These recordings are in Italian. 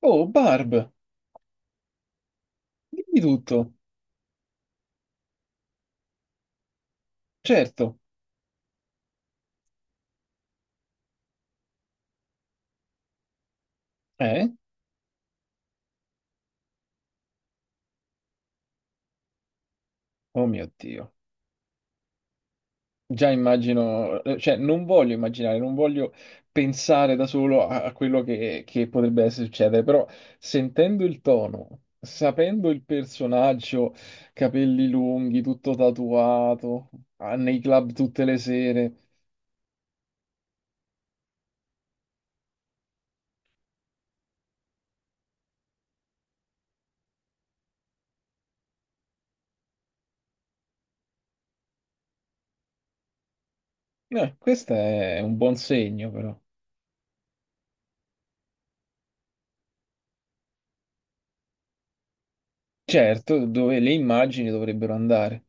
Oh, Barb, dimmi tutto. Certo. Eh? Oh mio Dio. Già immagino, cioè non voglio immaginare, non voglio pensare da solo a quello che potrebbe succedere, però sentendo il tono, sapendo il personaggio, capelli lunghi, tutto tatuato, ah, nei club tutte le sere, questo è un buon segno però. Certo, dove le immagini dovrebbero andare.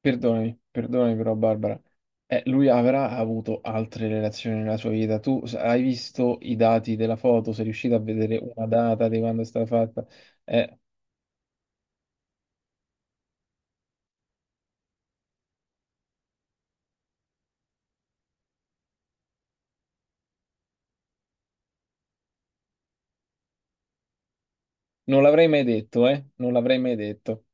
Perdonami, perdonami però Barbara. Lui avrà avuto altre relazioni nella sua vita. Tu hai visto i dati della foto? Sei riuscito a vedere una data di quando è stata fatta? Eh, Non l'avrei mai detto, eh? Non l'avrei mai detto.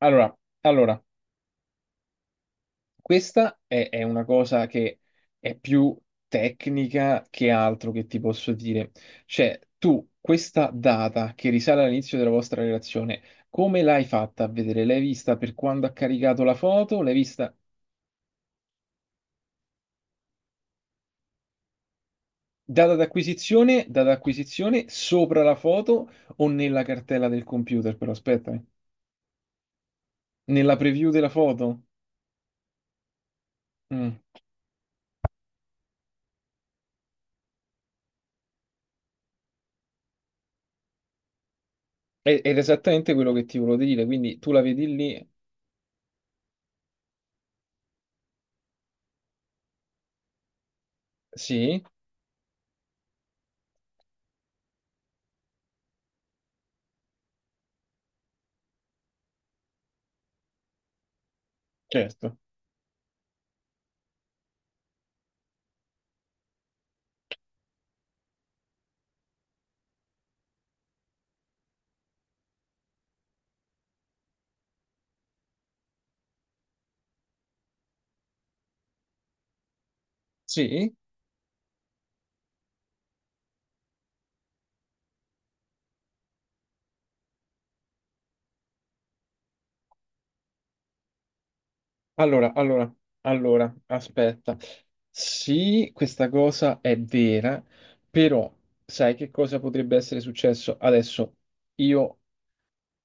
Allora, allora, questa è una cosa che è più tecnica che altro che ti posso dire. Cioè, tu questa data che risale all'inizio della vostra relazione, come l'hai fatta a vedere? L'hai vista per quando ha caricato la foto? L'hai vista? Data d'acquisizione sopra la foto o nella cartella del computer, però aspetta, eh. Nella preview della foto. Mm. Ed è esattamente quello che ti volevo dire, quindi tu la vedi lì? Sì, certo. Sì. Allora, allora, allora, aspetta. Sì, questa cosa è vera, però sai che cosa potrebbe essere successo? Adesso io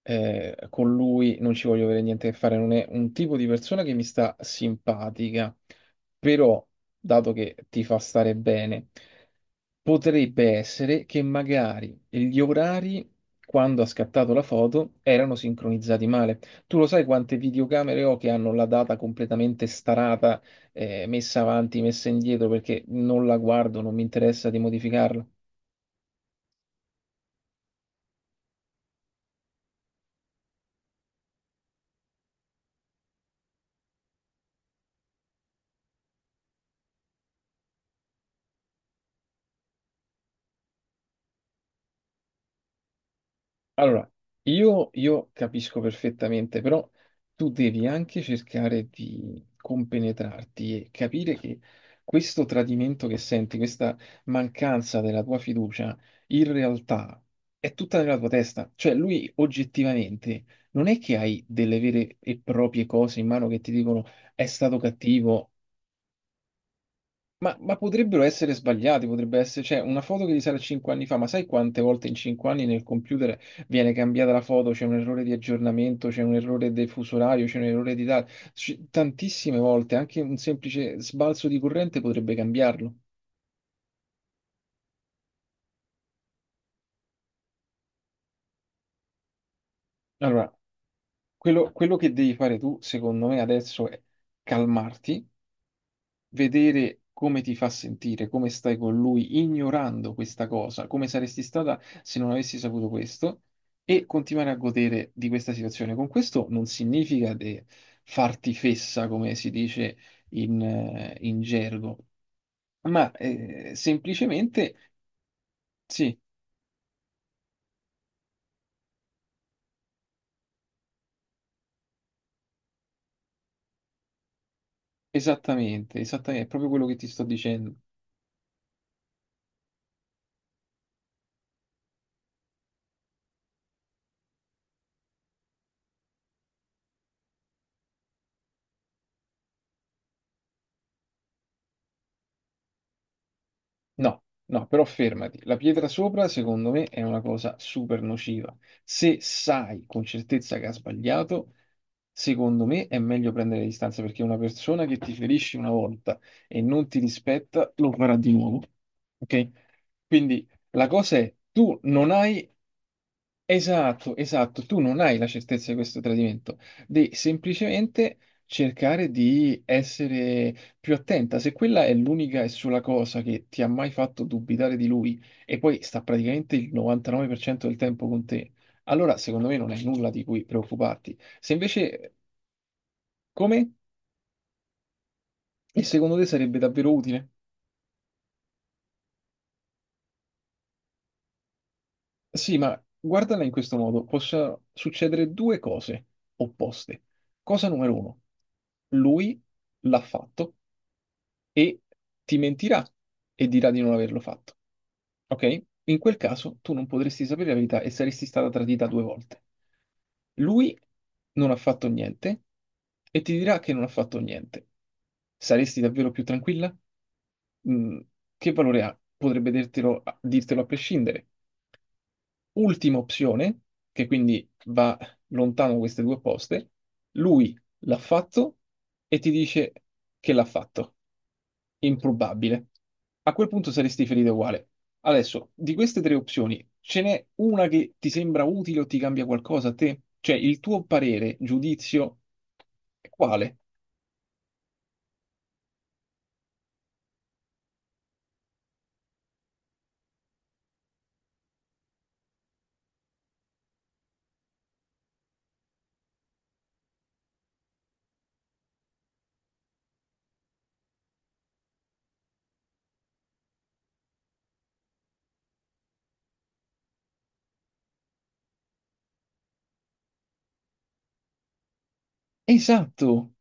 con lui non ci voglio avere niente a che fare, non è un tipo di persona che mi sta simpatica, però, dato che ti fa stare bene, potrebbe essere che magari gli orari, quando ha scattato la foto, erano sincronizzati male. Tu lo sai quante videocamere ho che hanno la data completamente starata, messa avanti, messa indietro, perché non la guardo, non mi interessa di modificarla. Allora, io capisco perfettamente, però tu devi anche cercare di compenetrarti e capire che questo tradimento che senti, questa mancanza della tua fiducia, in realtà è tutta nella tua testa. Cioè, lui oggettivamente non è che hai delle vere e proprie cose in mano che ti dicono è stato cattivo. Ma potrebbero essere sbagliati, potrebbe essere, cioè, una foto che risale a 5 anni fa, ma sai quante volte in 5 anni nel computer viene cambiata la foto, c'è un errore di aggiornamento, c'è un errore del fuso orario, c'è un errore di data, tantissime volte, anche un semplice sbalzo di corrente potrebbe cambiarlo. Allora, quello che devi fare tu, secondo me, adesso è calmarti, vedere come ti fa sentire, come stai con lui, ignorando questa cosa, come saresti stata se non avessi saputo questo, e continuare a godere di questa situazione. Con questo non significa farti fessa, come si dice in gergo, ma semplicemente sì, esattamente, esattamente, è proprio quello che ti sto dicendo. No, no, però fermati. La pietra sopra, secondo me, è una cosa super nociva. Se sai con certezza che ha sbagliato, secondo me è meglio prendere le distanze perché una persona che ti ferisce una volta e non ti rispetta, lo farà di nuovo. Ok? Quindi la cosa è, tu non hai. Esatto, esatto, tu non hai la certezza di questo tradimento, devi semplicemente cercare di essere più attenta. Se quella è l'unica e sola cosa che ti ha mai fatto dubitare di lui e poi sta praticamente il 99% del tempo con te, allora secondo me non hai nulla di cui preoccuparti. Se invece. Come? E secondo te sarebbe davvero utile? Sì, ma guardala in questo modo, possono succedere due cose opposte. Cosa numero uno, lui l'ha fatto e ti mentirà e dirà di non averlo fatto. Ok? In quel caso tu non potresti sapere la verità e saresti stata tradita due volte. Lui non ha fatto niente e ti dirà che non ha fatto niente. Saresti davvero più tranquilla? Mm, che valore ha? Potrebbe dirtelo, dirtelo a prescindere. Ultima opzione, che quindi va lontano queste due poste, lui l'ha fatto e ti dice che l'ha fatto. Improbabile. A quel punto saresti ferito uguale. Adesso, di queste tre opzioni, ce n'è una che ti sembra utile o ti cambia qualcosa a te? Cioè, il tuo parere, giudizio, è quale? Esatto!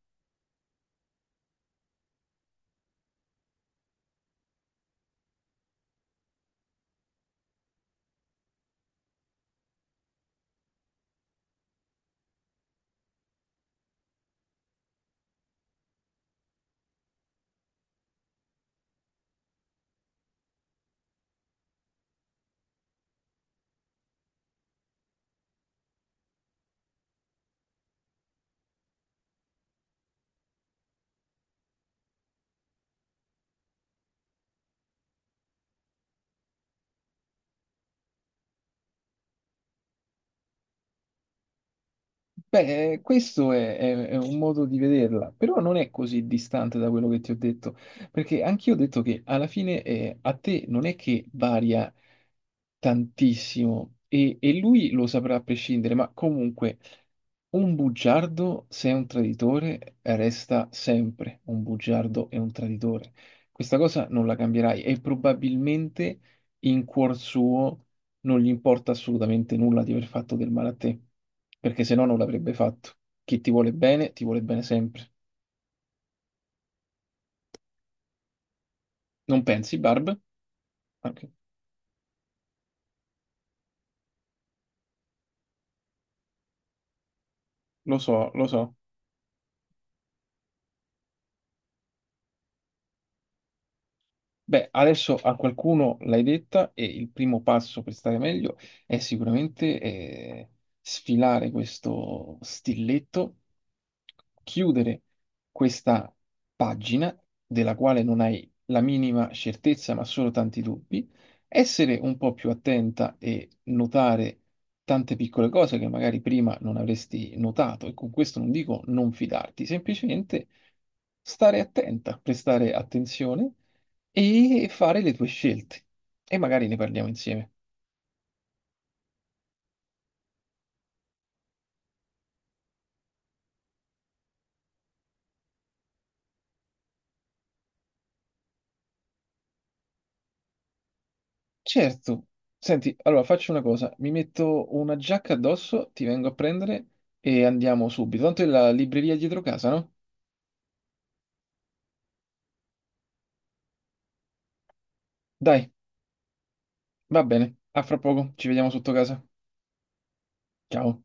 Beh, questo è un modo di vederla, però non è così distante da quello che ti ho detto, perché anch'io ho detto che alla fine a te non è che varia tantissimo e lui lo saprà a prescindere, ma comunque un bugiardo, se è un traditore, resta sempre un bugiardo e un traditore. Questa cosa non la cambierai e probabilmente in cuor suo non gli importa assolutamente nulla di aver fatto del male a te, perché se no non l'avrebbe fatto. Chi ti vuole bene sempre. Non pensi, Barb? Ok, lo so, lo so. Beh, adesso a qualcuno l'hai detta e il primo passo per stare meglio è sicuramente sfilare questo stilletto, chiudere questa pagina della quale non hai la minima certezza ma solo tanti dubbi, essere un po' più attenta e notare tante piccole cose che magari prima non avresti notato e con questo non dico non fidarti, semplicemente stare attenta, prestare attenzione e fare le tue scelte. E magari ne parliamo insieme. Certo. Senti, allora faccio una cosa, mi metto una giacca addosso, ti vengo a prendere e andiamo subito. Tanto è la libreria dietro casa, no? Dai, va bene. A fra poco, ci vediamo sotto casa. Ciao.